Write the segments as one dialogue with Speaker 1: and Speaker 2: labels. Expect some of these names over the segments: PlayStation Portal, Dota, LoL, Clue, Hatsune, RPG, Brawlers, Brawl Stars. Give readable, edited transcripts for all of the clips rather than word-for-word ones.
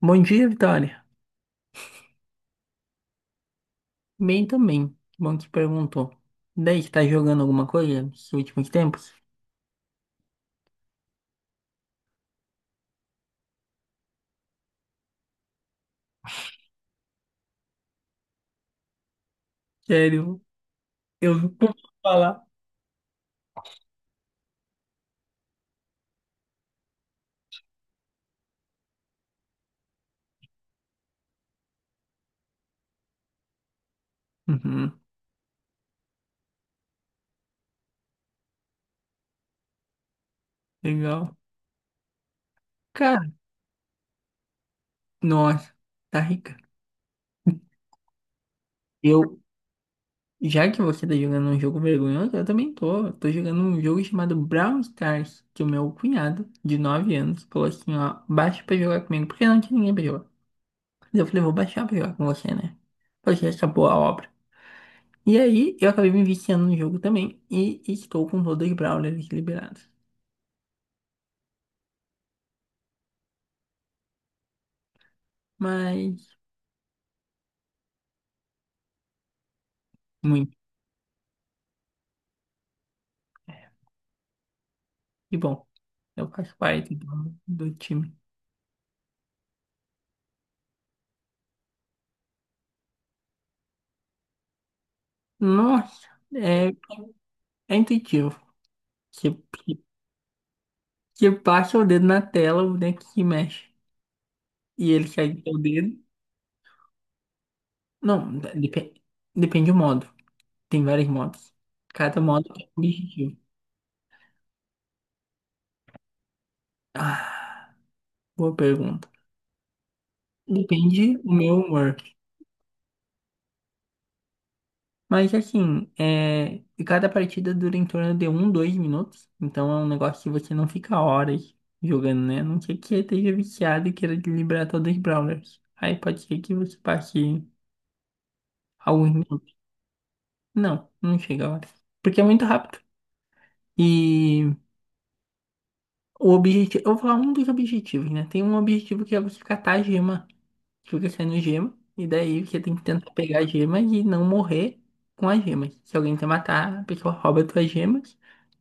Speaker 1: Bom dia, Vitória. Bem também. Que bom que perguntou. Daí que tá jogando alguma coisa nos últimos tempos? Sério, eu não posso falar. Uhum, legal. Cara, nossa, tá rica. Eu, já que você tá jogando um jogo vergonhoso, eu também tô. Tô jogando um jogo chamado Brawl Stars, que o meu cunhado, de 9 anos, falou assim, ó, baixa pra jogar comigo, porque não tinha ninguém pra jogar. Eu falei, vou baixar pra jogar com você, né? Porque acabou a obra. E aí, eu acabei me viciando no jogo também e estou com todos os Brawlers liberados. Mas, muito. Que bom. Eu faço parte do time. Nossa, é, é intuitivo. Você, você passa o dedo na tela, o boneco se mexe. E ele segue o seu dedo. Não, depende do modo. Tem vários modos. Cada modo tem um objetivo. Ah, boa pergunta. Depende do meu humor. Mas assim, é... e cada partida dura em torno de um, dois minutos. Então é um negócio que você não fica horas jogando, né? A não ser que esteja viciado e queira liberar todos os brawlers. Aí pode ser que você passe alguns minutos. Não, não chega a hora. Porque é muito rápido. E o objetivo. Eu vou falar um dos objetivos, né? Tem um objetivo que é você catar a gema. Fica saindo gema. E daí você tem que tentar pegar a gema e não morrer com as gemas. Se alguém te matar, a pessoa rouba as tuas gemas.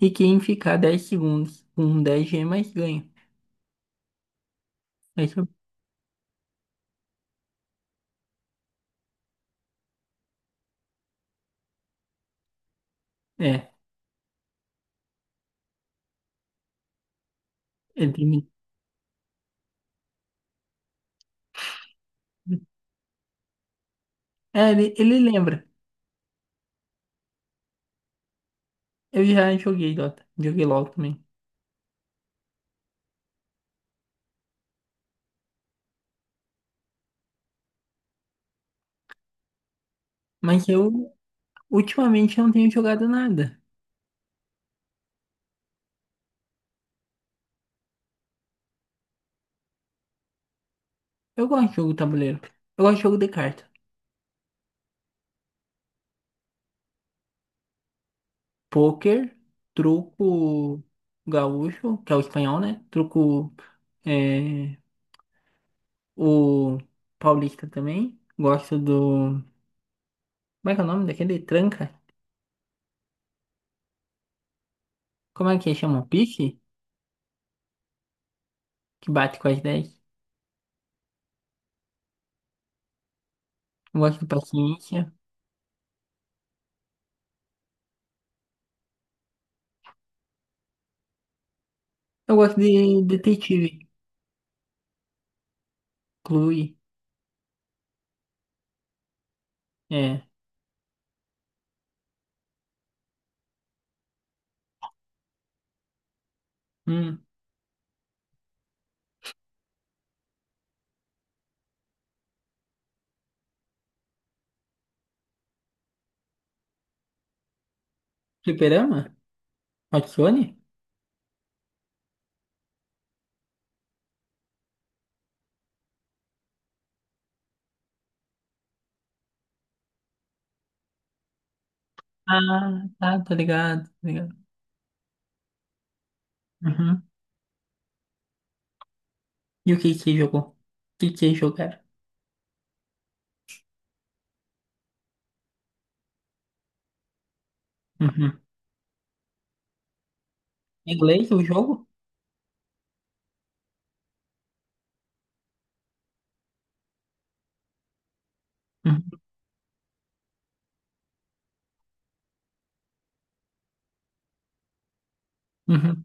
Speaker 1: E quem ficar 10 segundos com 10 gemas ganha. Mas eu- É, ele tem. É, ele lembra. Eu já joguei Dota, joguei LoL também. Mas eu ultimamente não tenho jogado nada. Eu gosto de jogo tabuleiro. Eu gosto de jogo de carta. Poker, truco gaúcho, que é o espanhol, né? Truco é, o paulista também. Gosto do. Como é que é o nome daquele? Tranca? Como é que chama? Piche? Que bate com as 10. Eu gosto de paciência. Eu gosto de detetive. Clue. É. Hum. Fliperama? Hatsune? Ah, tá, tá ligado, tá ligado. Uhum. E o que que você jogou? O que que você jogaram? Uhum. Em inglês o jogo? Uhum. Uhum.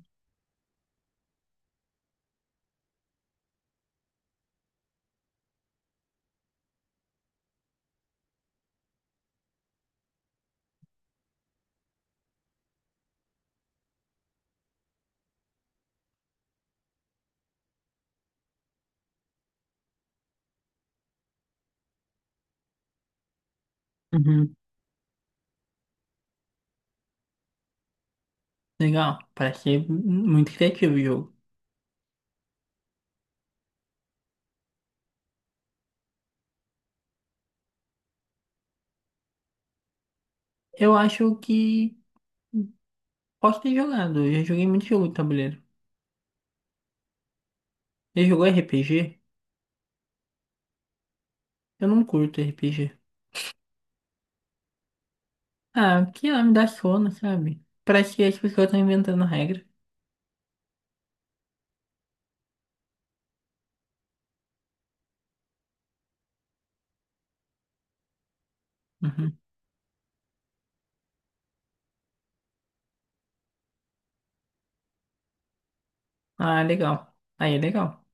Speaker 1: Uhum. Legal. Parece ser muito criativo o jogo. Eu acho que posso ter jogado. Eu já joguei muito jogo de tabuleiro. Você jogou RPG? Eu não curto RPG. Ah, porque ela me dá sono, sabe? Parece que as pessoas estão inventando regra. Uhum. Ah, legal. Aí é legal.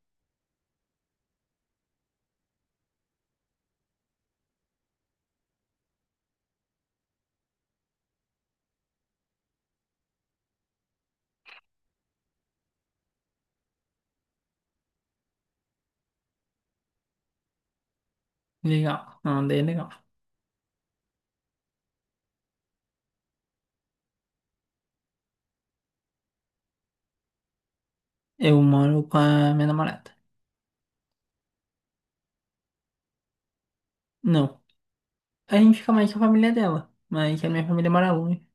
Speaker 1: Legal. Não, daí é legal. Eu moro com a minha namorada. Não. A gente fica mais com a família dela. Mas a minha família mora longe.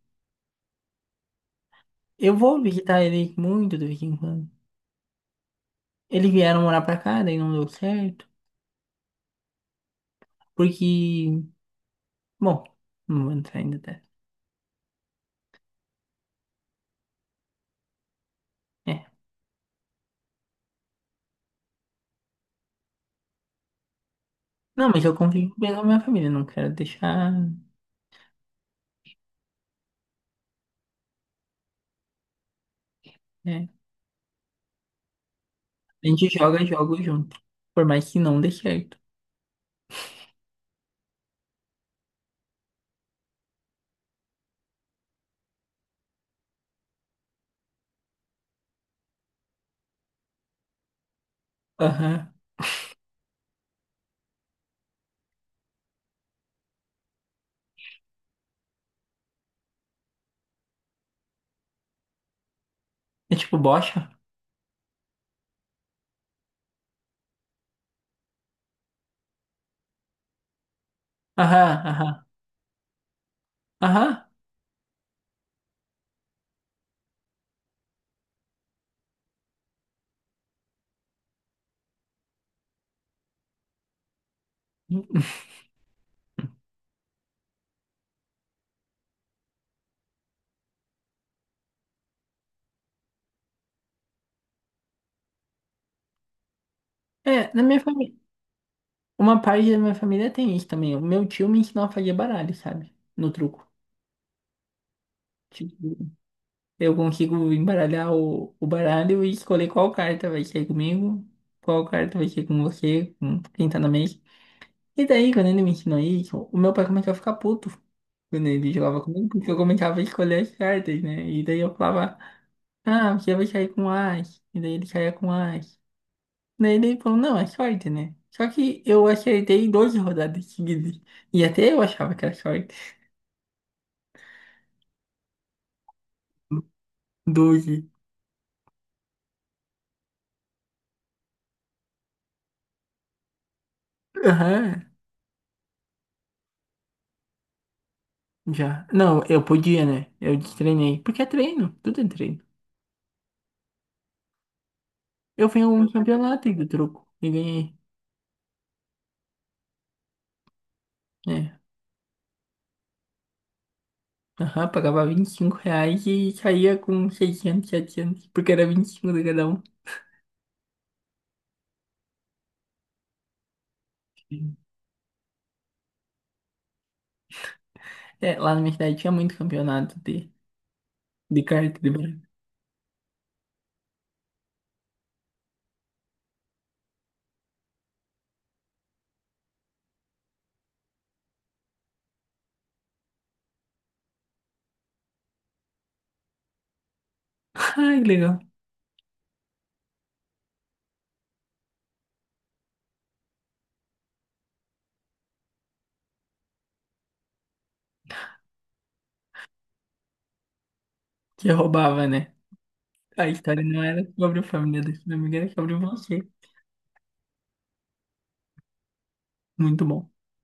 Speaker 1: Eu vou visitar ele muito de vez em quando. Eles vieram morar pra cá, daí não deu certo. Porque. Bom, não vou entrar ainda até. É. Não, mas eu convivo bem com a minha família. Não quero deixar. É. A gente joga jogos junto. Por mais que não dê certo. Aham. É tipo bocha? Aham, aham. Aham. É, na minha família. Uma parte da minha família tem isso também. O meu tio me ensinou a fazer baralho, sabe? No truco. Tipo, eu consigo embaralhar o baralho e escolher qual carta vai ser comigo, qual carta vai ser com você, com quem tá na mesa. E daí, quando ele me ensinou isso, o meu pai começou a ficar puto quando ele jogava comigo, porque eu começava a escolher as cartas, né? E daí eu falava, ah, você vai sair com as. E daí ele saía com as. Daí ele falou, não, é short, né? Só que eu acertei 12 rodadas seguidas. E até eu achava que era short. 12. Aham, já. Não, eu podia, né? Eu destreinei. Porque é treino, tudo é treino. Eu fui a um campeonato do truco e ganhei. É. Aham, pagava R$ 25 e saía com 600 700 porque era 25 de cada um. É, lá na minha cidade tinha muito campeonato de, carta de baralho. Ai, que legal. Que eu roubava, né? A história não era sobre a família da sua amiga, era sobre você. Muito bom.